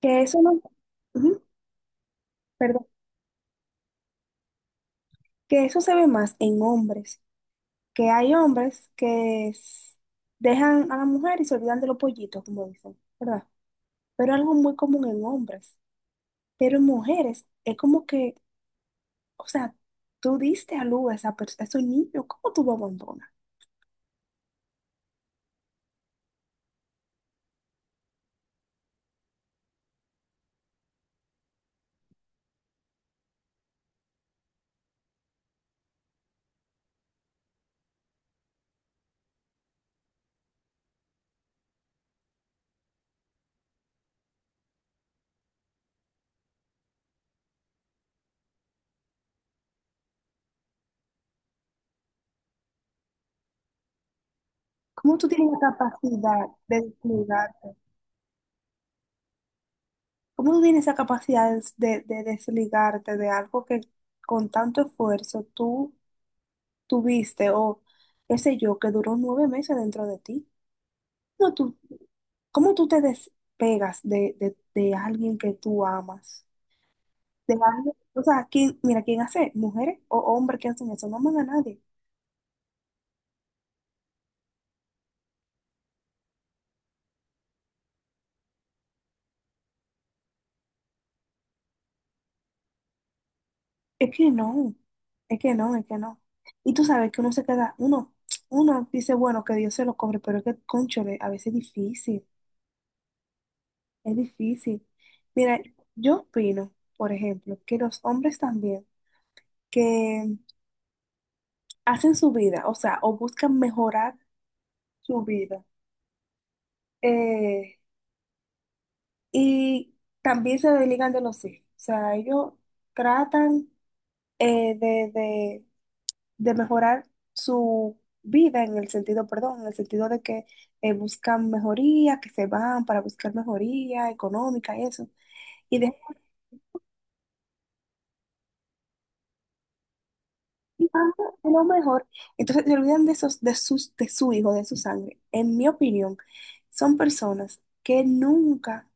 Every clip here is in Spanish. Que eso no. ujú, Perdón, que eso se ve más en hombres, que hay hombres que dejan a la mujer y se olvidan de los pollitos, como dicen, ¿verdad? Pero algo muy común en hombres. Pero en mujeres es como que, o sea, tú diste a luz a, a ese niño, ¿cómo tú lo abandonas? ¿Cómo tú tienes la capacidad de desligarte? ¿Cómo tú tienes esa capacidad de desligarte de algo que con tanto esfuerzo tú tuviste o qué sé yo, que duró nueve meses dentro de ti. No, tú, ¿Cómo tú te despegas de alguien que tú amas? De alguien, o sea, ¿quién hace? ¿Mujeres o hombres que hacen eso? No aman a nadie. Es que no, es que no, es que no. Y tú sabes que uno dice, bueno, que Dios se lo cobre, pero es que, cónchale, a veces es difícil, es difícil. Mira, yo opino, por ejemplo, que los hombres también, que hacen su vida, o sea, o buscan mejorar su vida. Eh, y también se desligan de los hijos, o sea, ellos tratan eh, de, de- de mejorar su vida en el sentido, perdón, en el sentido de que buscan mejoría, que se van para buscar mejoría económica y eso. Y de y van de lo mejor, entonces se olvidan de esos, de sus, de su hijo, de su sangre. En mi opinión, son personas que nunca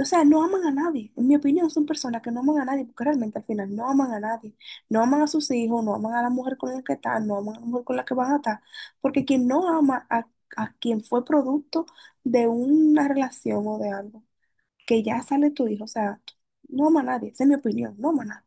O sea, no aman a nadie. En mi opinión, son personas que no aman a nadie, porque realmente al final no aman a nadie. No aman a sus hijos, no aman a la mujer con la que están, no aman a la mujer con la que van a estar. Porque quien no ama a quien fue producto de una relación o de algo, que ya sale tu hijo, o sea, no ama a nadie, esa es mi opinión, no ama a nadie.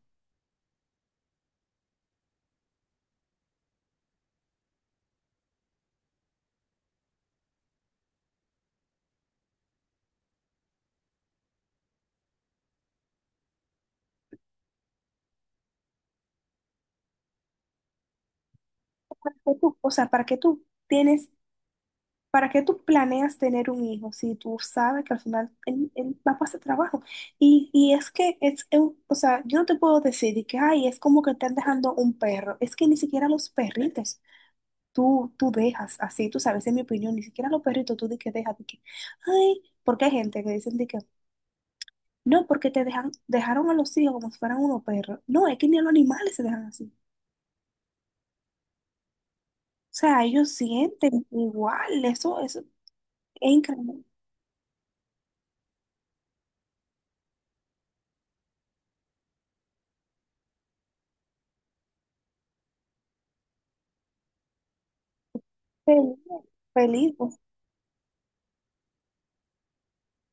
O sea, ¿para qué tú tienes ¿Para qué tú planeas tener un hijo si tú sabes que al final él va a pasar trabajo? Y es que, es, un- O sea, yo no te puedo decir de que, ay, es como que están dejando un perro. Es que ni siquiera los perritos tú dejas así, tú sabes, en mi opinión, ni siquiera los perritos tú de que dejas, de que, ay, porque hay gente que dicen de que, no, porque te dejan, dejaron a los hijos como si fueran unos perros. No, es que ni a los animales se dejan así. O sea, ellos sienten igual, eso es increíble. Feliz, feliz.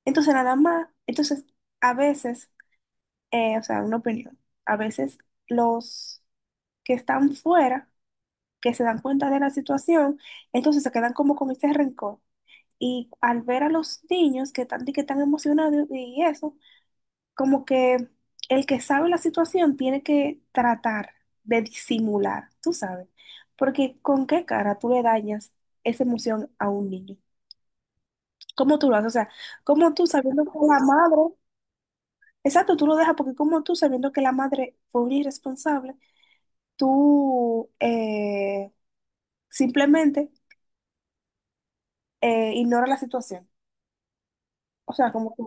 Entonces, nada más, entonces, A veces, o sea, una opinión, a veces los que están fuera, que se dan cuenta de la situación, entonces se quedan como con ese rencor. Y al ver a los niños que están emocionados y eso, como que el que sabe la situación tiene que tratar de disimular, tú sabes, porque con qué cara tú le dañas esa emoción a un niño. ¿Cómo tú lo haces? O sea, ¿cómo tú sabiendo que la madre... Exacto, tú lo dejas porque como tú, sabiendo que la madre fue una irresponsable, tú simplemente ignora la situación. O sea, como que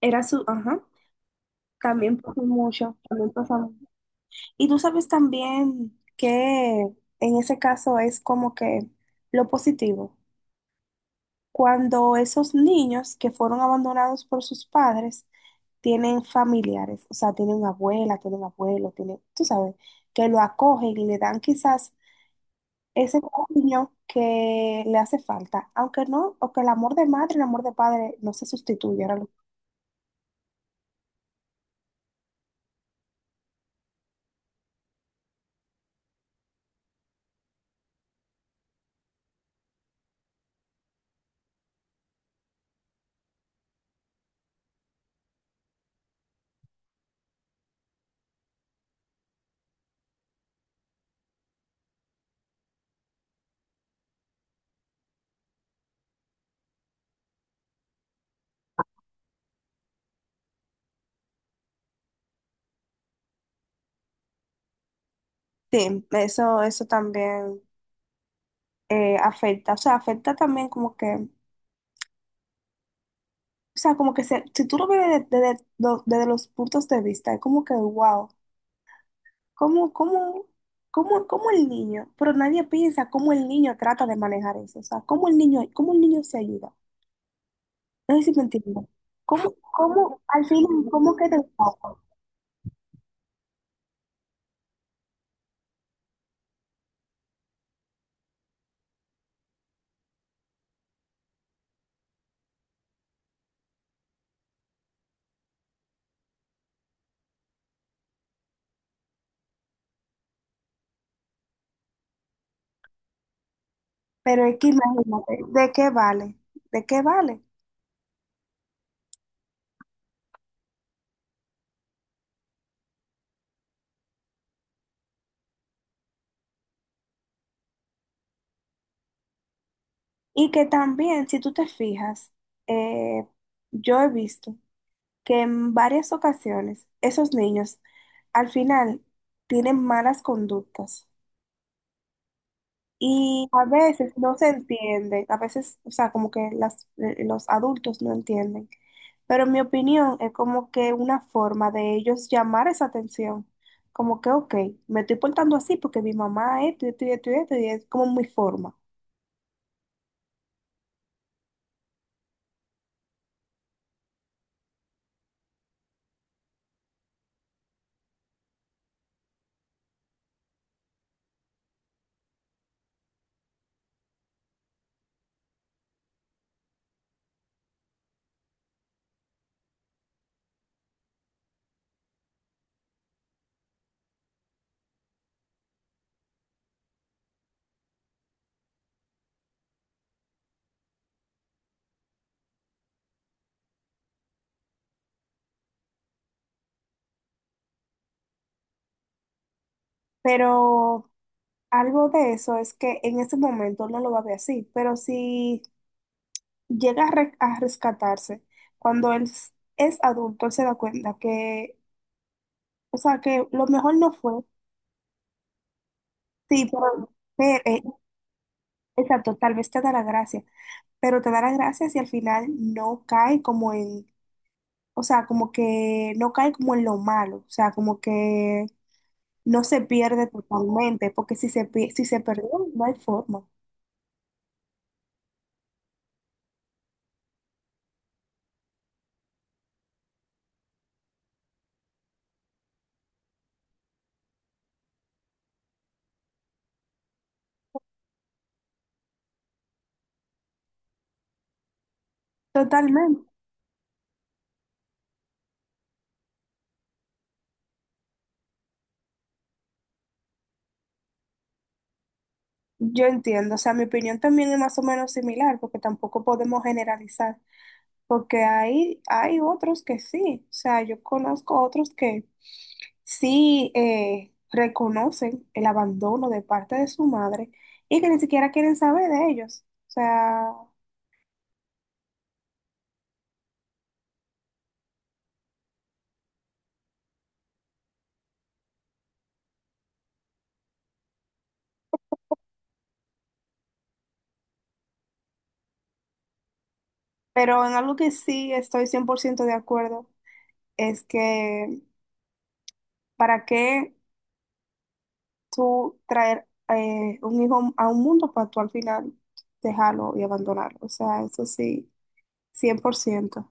era su... Ajá, también pasa mucho, también pasa mucho. Y tú sabes también que en ese caso es como que lo positivo. Cuando esos niños que fueron abandonados por sus padres tienen familiares, o sea, tienen una abuela, tienen abuelo, tienen, tú sabes, que lo acogen y le dan quizás ese cariño que le hace falta, aunque no, o que el amor de madre el amor de padre no se sustituyan. Sí, eso también afecta, o sea, afecta también como que, o sea, como que si tú lo ves desde desde los puntos de vista, es como que, wow, ¿cómo, cómo, ¿cómo, cómo el niño? Pero nadie piensa cómo el niño trata de manejar eso, o sea, cómo el niño se ayuda. No sé si me entiendo. ¿Cómo, cómo, al fin, cómo que te Pero es que imagínate, ¿de qué vale? ¿De qué vale? Y que también, si tú te fijas, eh, yo he visto que en varias ocasiones esos niños al final tienen malas conductas y a veces no se entienden, a veces, o sea, como que los adultos no entienden. Pero en mi opinión es como que una forma de ellos llamar esa atención. Como que, ok, me estoy portando así porque mi mamá esto y esto y esto y esto, y es como mi forma. Pero algo de eso es que en ese momento no lo va a ver así, pero si a rescatarse, cuando es adulto, él se da cuenta que, o sea, que lo mejor no fue, sí, pero, pero, eh, exacto, tal vez te da la gracia, pero te da la gracia si al final no cae como en, o sea, como que no cae como en lo malo, o sea, como que no se pierde totalmente, porque si se perdió, no hay forma. Totalmente. Yo entiendo, o sea, mi opinión también es más o menos similar, porque tampoco podemos generalizar, porque hay otros que sí, o sea, yo conozco otros que sí reconocen el abandono de parte de su madre y que ni siquiera quieren saber de ellos, o sea, pero en algo que sí estoy 100% de acuerdo es que ¿para qué tú traer un hijo a un mundo para tú al final dejarlo y abandonarlo? O sea, eso sí. 100%.